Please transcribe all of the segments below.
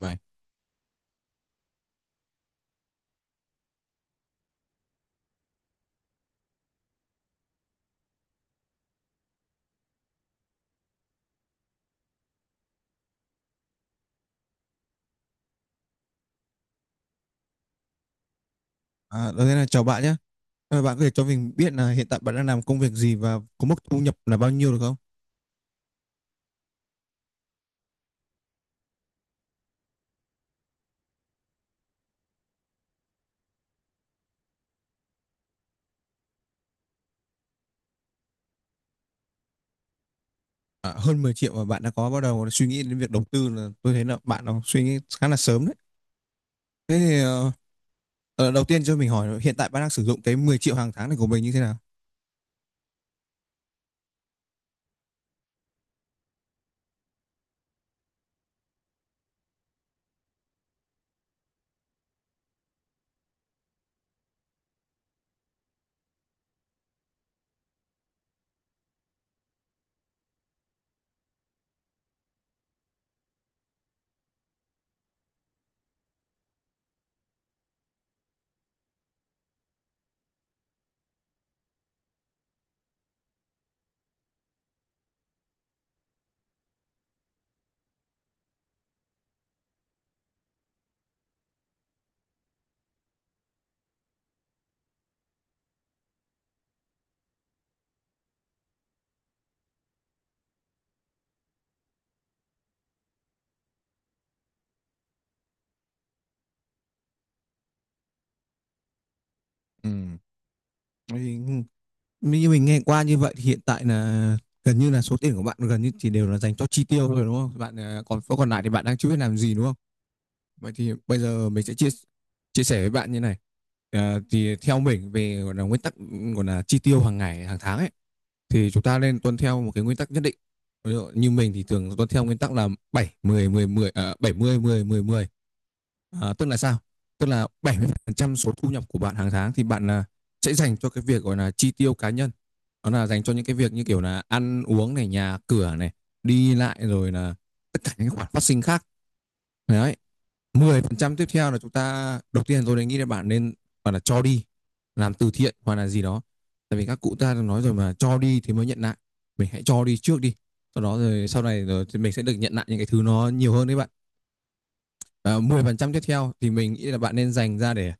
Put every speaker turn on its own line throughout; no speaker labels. Vậy. À, đầu tiên là chào bạn nhé. À, bạn có thể cho mình biết là hiện tại bạn đang làm công việc gì và có mức thu nhập là bao nhiêu được không? À, hơn 10 triệu mà bạn đã có bắt đầu suy nghĩ đến việc đầu tư là tôi thấy là bạn nó suy nghĩ khá là sớm đấy. Thế thì đầu tiên cho mình hỏi là hiện tại bạn đang sử dụng cái 10 triệu hàng tháng này của mình như thế nào? Ừ. Bởi vì như mình nghe qua như vậy thì hiện tại là gần như là số tiền của bạn gần như chỉ đều là dành cho chi tiêu thôi, đúng không? Bạn còn còn lại thì bạn đang chưa biết làm gì, đúng không? Vậy thì bây giờ mình sẽ chia chia sẻ với bạn như này. Thì theo mình về gọi là nguyên tắc gọi là chi tiêu hàng ngày, hàng tháng ấy thì chúng ta nên tuân theo một cái nguyên tắc nhất định. Ví dụ như mình thì thường tuân theo nguyên tắc là 70 10 10 10. À, tức là sao? Tức là 70% số thu nhập của bạn hàng tháng thì bạn là sẽ dành cho cái việc gọi là chi tiêu cá nhân. Đó là dành cho những cái việc như kiểu là ăn uống này, nhà cửa này, đi lại, rồi là tất cả những khoản phát sinh khác. Đấy, 10% tiếp theo là chúng ta đầu tiên tôi đã nghĩ là bạn là cho đi, làm từ thiện hoặc là gì đó, tại vì các cụ ta đã nói rồi mà cho đi thì mới nhận lại, mình hãy cho đi trước đi, sau đó rồi sau này rồi thì mình sẽ được nhận lại những cái thứ nó nhiều hơn đấy bạn. 10% tiếp theo thì mình nghĩ là bạn nên dành ra để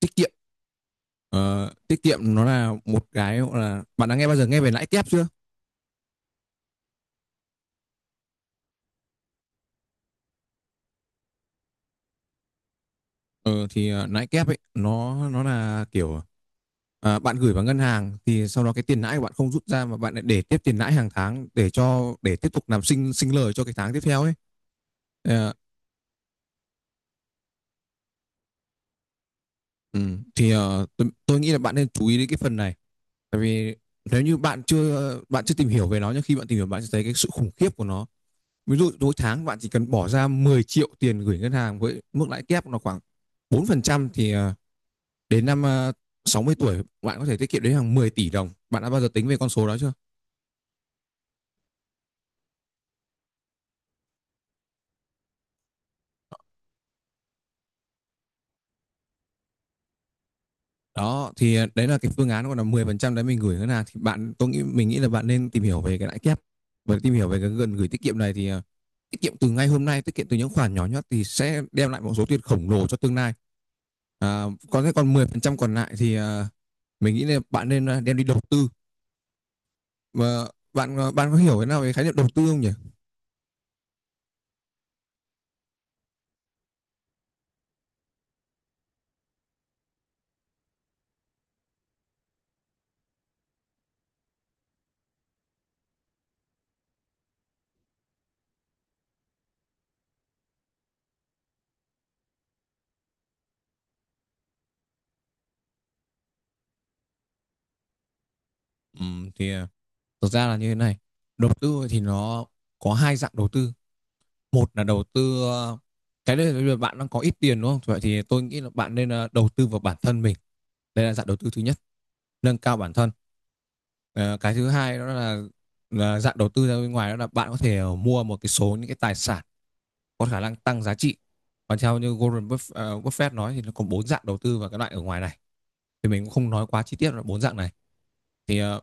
tiết kiệm. Tiết kiệm nó là một cái là bạn đã nghe bao giờ nghe về lãi kép chưa? Lãi kép ấy nó là kiểu bạn gửi vào ngân hàng thì sau đó cái tiền lãi của bạn không rút ra mà bạn lại để tiếp tiền lãi hàng tháng để để tiếp tục làm sinh sinh lời cho cái tháng tiếp theo ấy. À, ừ, thì ờ, tôi, tôi nghĩ là bạn nên chú ý đến cái phần này, tại vì nếu như bạn chưa tìm hiểu về nó nhưng khi bạn tìm hiểu bạn sẽ thấy cái sự khủng khiếp của nó. Ví dụ mỗi tháng bạn chỉ cần bỏ ra 10 triệu tiền gửi ngân hàng với mức lãi kép nó khoảng 4% đến 60 tuổi bạn có thể tiết kiệm đến hàng 10 tỷ đồng. Bạn đã bao giờ tính về con số đó chưa? Đó, đấy là cái phương án. Còn là 10% đấy mình gửi ngân hàng thì bạn tôi nghĩ mình nghĩ là bạn nên tìm hiểu về cái lãi kép. Và tìm hiểu về cái gần gửi tiết kiệm này thì tiết kiệm từ ngay hôm nay, tiết kiệm từ những khoản nhỏ nhất thì sẽ đem lại một số tiền khổng lồ cho tương lai. À, còn 10% còn lại thì mình nghĩ là bạn nên đem đi đầu tư. Và bạn có hiểu thế nào về khái niệm đầu tư không nhỉ? Ừm, thì ờ, thực ra là như thế này. Đầu tư thì nó có hai dạng đầu tư. Một là đầu tư cái đấy là bây bạn đang có ít tiền, đúng không? Vậy thì tôi nghĩ là bạn nên đầu tư vào bản thân mình, đây là dạng đầu tư thứ nhất, nâng cao bản thân. Ờ, cái thứ hai đó là dạng đầu tư ra bên ngoài, đó là bạn có thể mua một cái số những cái tài sản có khả năng tăng giá trị. Và theo như Warren Buffett nói thì nó có bốn dạng đầu tư vào cái loại ở ngoài này, thì mình cũng không nói quá chi tiết là bốn dạng này, thì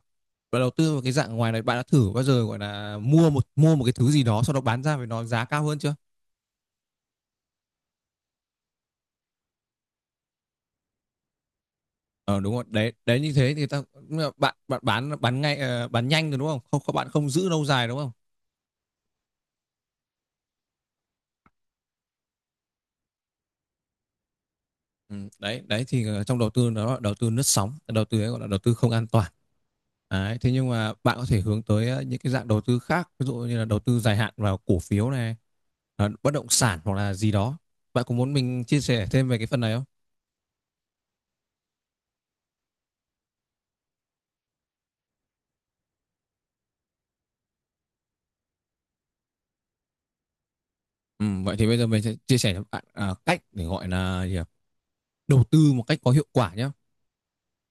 đầu tư vào cái dạng ngoài này bạn đã thử bao giờ gọi là mua một cái thứ gì đó sau đó bán ra với nó giá cao hơn chưa? Ờ, đúng rồi. Đấy, đấy như thế thì ta bạn bạn bán ngay bán nhanh rồi, đúng không? Không các bạn không giữ lâu dài, đúng không? Ừ, đấy, đấy thì trong đầu tư nó là đầu tư lướt sóng, đầu tư ấy gọi là đầu tư không an toàn. Đấy, thế nhưng mà bạn có thể hướng tới những cái dạng đầu tư khác, ví dụ như là đầu tư dài hạn vào cổ phiếu này, bất động sản hoặc là gì đó. Bạn có muốn mình chia sẻ thêm về cái phần này không? Ừ, vậy thì bây giờ mình sẽ chia sẻ cho bạn à, cách để gọi là gì ạ? Đầu tư một cách có hiệu quả nhé.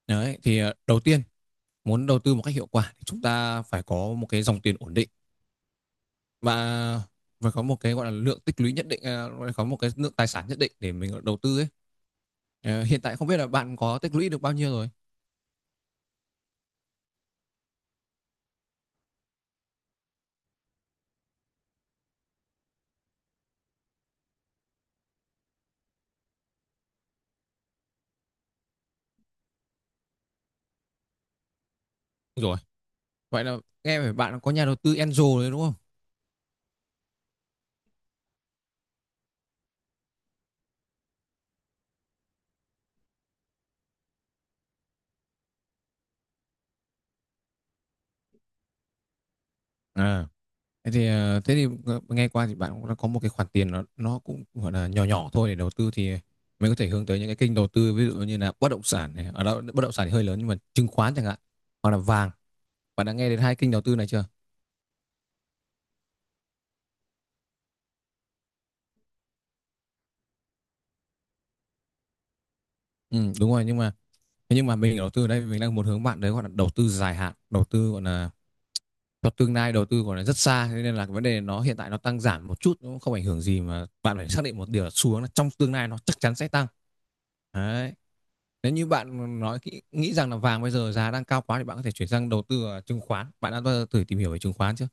Đấy, thì đầu tiên muốn đầu tư một cách hiệu quả thì chúng ta phải có một cái dòng tiền ổn định và phải có một cái gọi là lượng tích lũy nhất định, à, phải có một cái lượng tài sản nhất định để mình đầu tư ấy. Hiện tại không biết là bạn có tích lũy được bao nhiêu rồi. Rồi, vậy là nghe về bạn có nhà đầu tư Enzo đấy đúng không? À, thế thì thế thì à, nghe qua thì bạn cũng đã có một cái khoản tiền nó cũng gọi là nhỏ nhỏ thôi để đầu tư thì mình có thể hướng tới những cái kênh đầu tư ví dụ như là bất động sản này, ở đó bất động sản thì hơi lớn nhưng mà chứng khoán chẳng hạn, hoặc là vàng. Bạn đã nghe đến hai kênh đầu tư này chưa? Ừ, đúng rồi, nhưng mà thế nhưng mà mình đầu tư ở đây mình đang muốn hướng bạn đấy gọi là đầu tư dài hạn, đầu tư gọi là cho tương lai, đầu tư gọi là rất xa, thế nên là cái vấn đề nó hiện tại nó tăng giảm một chút nó cũng không ảnh hưởng gì, mà bạn phải xác định một điều là xu hướng là trong tương lai nó chắc chắn sẽ tăng đấy. Nếu như bạn nghĩ rằng là vàng bây giờ giá đang cao quá thì bạn có thể chuyển sang đầu tư ở chứng khoán. Bạn đã bao giờ thử tìm hiểu về chứng khoán chưa?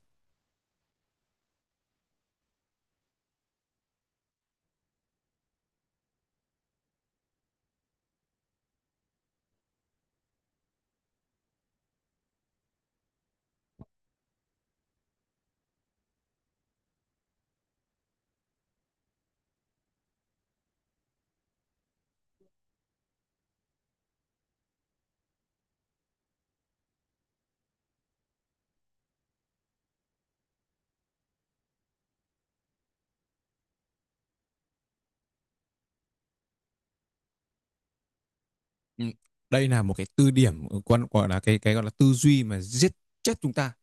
Ừ. Đây là một cái tư điểm ừ, quan gọi là cái gọi là tư duy mà giết chết chúng ta.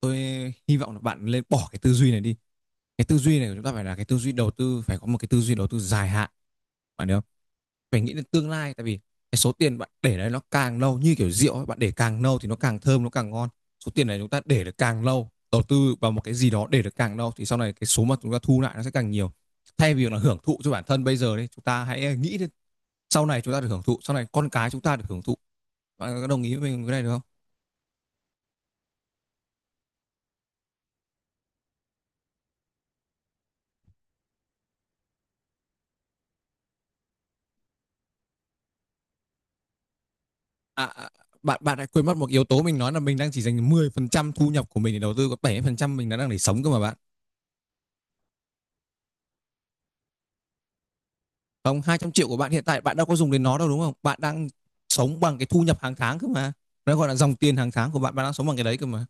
Tôi hy vọng là bạn nên bỏ cái tư duy này đi. Cái tư duy này của chúng ta phải là cái tư duy đầu tư, phải có một cái tư duy đầu tư dài hạn. Bạn hiểu không? Phải nghĩ đến tương lai, tại vì cái số tiền bạn để đấy nó càng lâu như kiểu rượu ấy, bạn để càng lâu thì nó càng thơm, nó càng ngon. Số tiền này chúng ta để được càng lâu, đầu tư vào một cái gì đó để được càng lâu thì sau này cái số mà chúng ta thu lại nó sẽ càng nhiều. Thay vì là hưởng thụ cho bản thân bây giờ đấy, chúng ta hãy nghĩ đến sau này chúng ta được hưởng thụ, sau này con cái chúng ta được hưởng thụ. Bạn có đồng ý với mình cái này được không? à, à, bạn bạn đã quên mất một yếu tố. Mình nói là mình đang chỉ dành 10% thu nhập của mình để đầu tư, có 70% mình đã đang để sống cơ mà bạn. Không, 200 triệu của bạn hiện tại bạn đâu có dùng đến nó đâu, đúng không? Bạn đang sống bằng cái thu nhập hàng tháng cơ mà, nó gọi là dòng tiền hàng tháng của bạn, bạn đang sống bằng cái đấy cơ mà.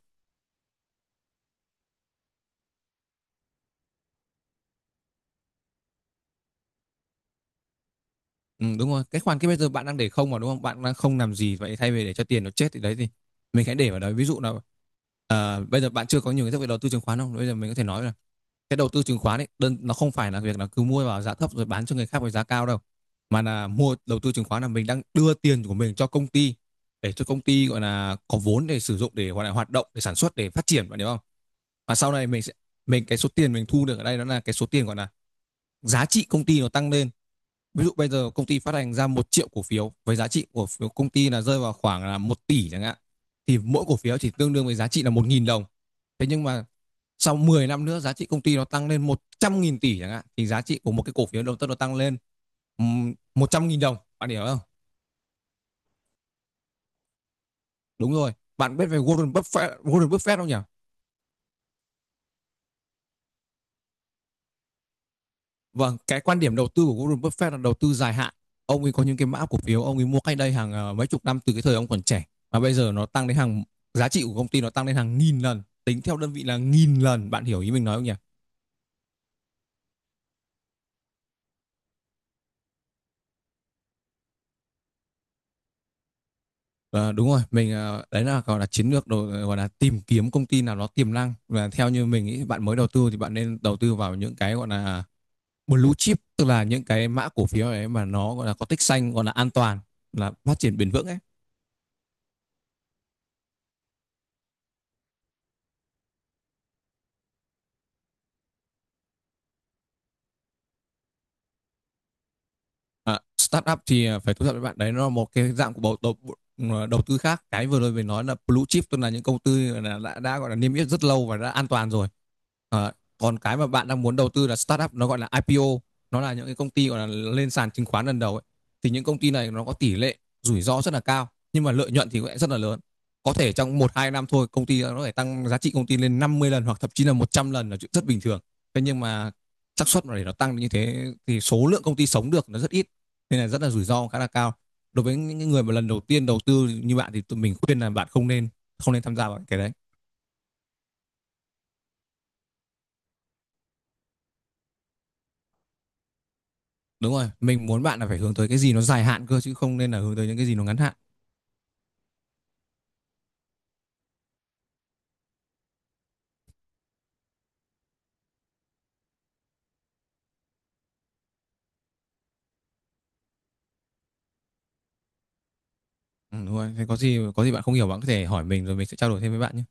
Ừ, đúng rồi, cái khoản bây giờ bạn đang để không mà đúng không, bạn đang không làm gì. Vậy thay vì để cho tiền nó chết thì đấy thì mình hãy để vào đấy. Ví dụ là bây giờ bạn chưa có nhiều kiến thức về đầu tư chứng khoán không, bây giờ mình có thể nói là cái đầu tư chứng khoán ấy đơn nó không phải là việc là cứ mua vào giá thấp rồi bán cho người khác với giá cao đâu, mà là mua đầu tư chứng khoán là mình đang đưa tiền của mình cho công ty, để cho công ty gọi là có vốn để sử dụng, để gọi là hoạt động, để sản xuất, để phát triển, bạn hiểu không? Và sau này mình sẽ, mình cái số tiền mình thu được ở đây đó là cái số tiền gọi là giá trị công ty nó tăng lên. Ví dụ bây giờ công ty phát hành ra 1 triệu cổ phiếu với giá trị của phiếu công ty là rơi vào khoảng là 1 tỷ chẳng hạn, thì mỗi cổ phiếu chỉ tương đương với giá trị là 1.000 đồng. Thế nhưng mà sau 10 năm nữa giá trị công ty nó tăng lên 100 nghìn tỷ chẳng hạn, thì giá trị của một cái cổ phiếu đầu tư nó tăng lên 100.000 đồng. Bạn hiểu không? Đúng rồi. Bạn biết về Warren Buffett, Warren Buffett không nhỉ? Vâng, cái quan điểm đầu tư của Warren Buffett là đầu tư dài hạn. Ông ấy có những cái mã cổ phiếu ông ấy mua cách đây hàng mấy chục năm, từ cái thời ông còn trẻ, mà bây giờ nó tăng đến hàng, giá trị của công ty nó tăng đến hàng 1.000 lần, tính theo đơn vị là 1.000 lần. Bạn hiểu ý mình nói không nhỉ? Ờ, đúng rồi, đấy là gọi là chiến lược đồ, gọi là tìm kiếm công ty nào nó tiềm năng, và theo như mình ý, bạn mới đầu tư thì bạn nên đầu tư vào những cái gọi là blue chip, tức là những cái mã cổ phiếu ấy mà nó gọi là có tích xanh, gọi là an toàn, là phát triển bền vững ấy. À, startup thì phải thú thật với bạn đấy, nó là một cái dạng của đầu tư khác. Cái vừa rồi mình nói là blue chip tức là những công ty là đã gọi là niêm yết rất lâu và đã an toàn rồi. à, Còn cái mà bạn đang muốn đầu tư là startup, nó gọi là IPO, nó là những cái công ty gọi là lên sàn chứng khoán lần đầu ấy. Thì những công ty này nó có tỷ lệ rủi ro rất là cao, nhưng mà lợi nhuận thì cũng rất là lớn. Có thể trong một hai năm thôi công ty nó có thể tăng giá trị công ty lên 50 lần hoặc thậm chí là 100 lần là chuyện rất bình thường. Thế nhưng mà xác suất mà để nó tăng như thế thì số lượng công ty sống được nó rất ít, nên là rất là rủi ro, khá là cao. Đối với những người mà lần đầu tiên đầu tư như bạn thì tụi mình khuyên là bạn không nên, không nên tham gia vào cái đấy. Đúng rồi, mình muốn bạn là phải hướng tới cái gì nó dài hạn cơ, chứ không nên là hướng tới những cái gì nó ngắn hạn. Ừ, đúng rồi, thế có gì bạn không hiểu bạn có thể hỏi mình, rồi mình sẽ trao đổi thêm với bạn nhé.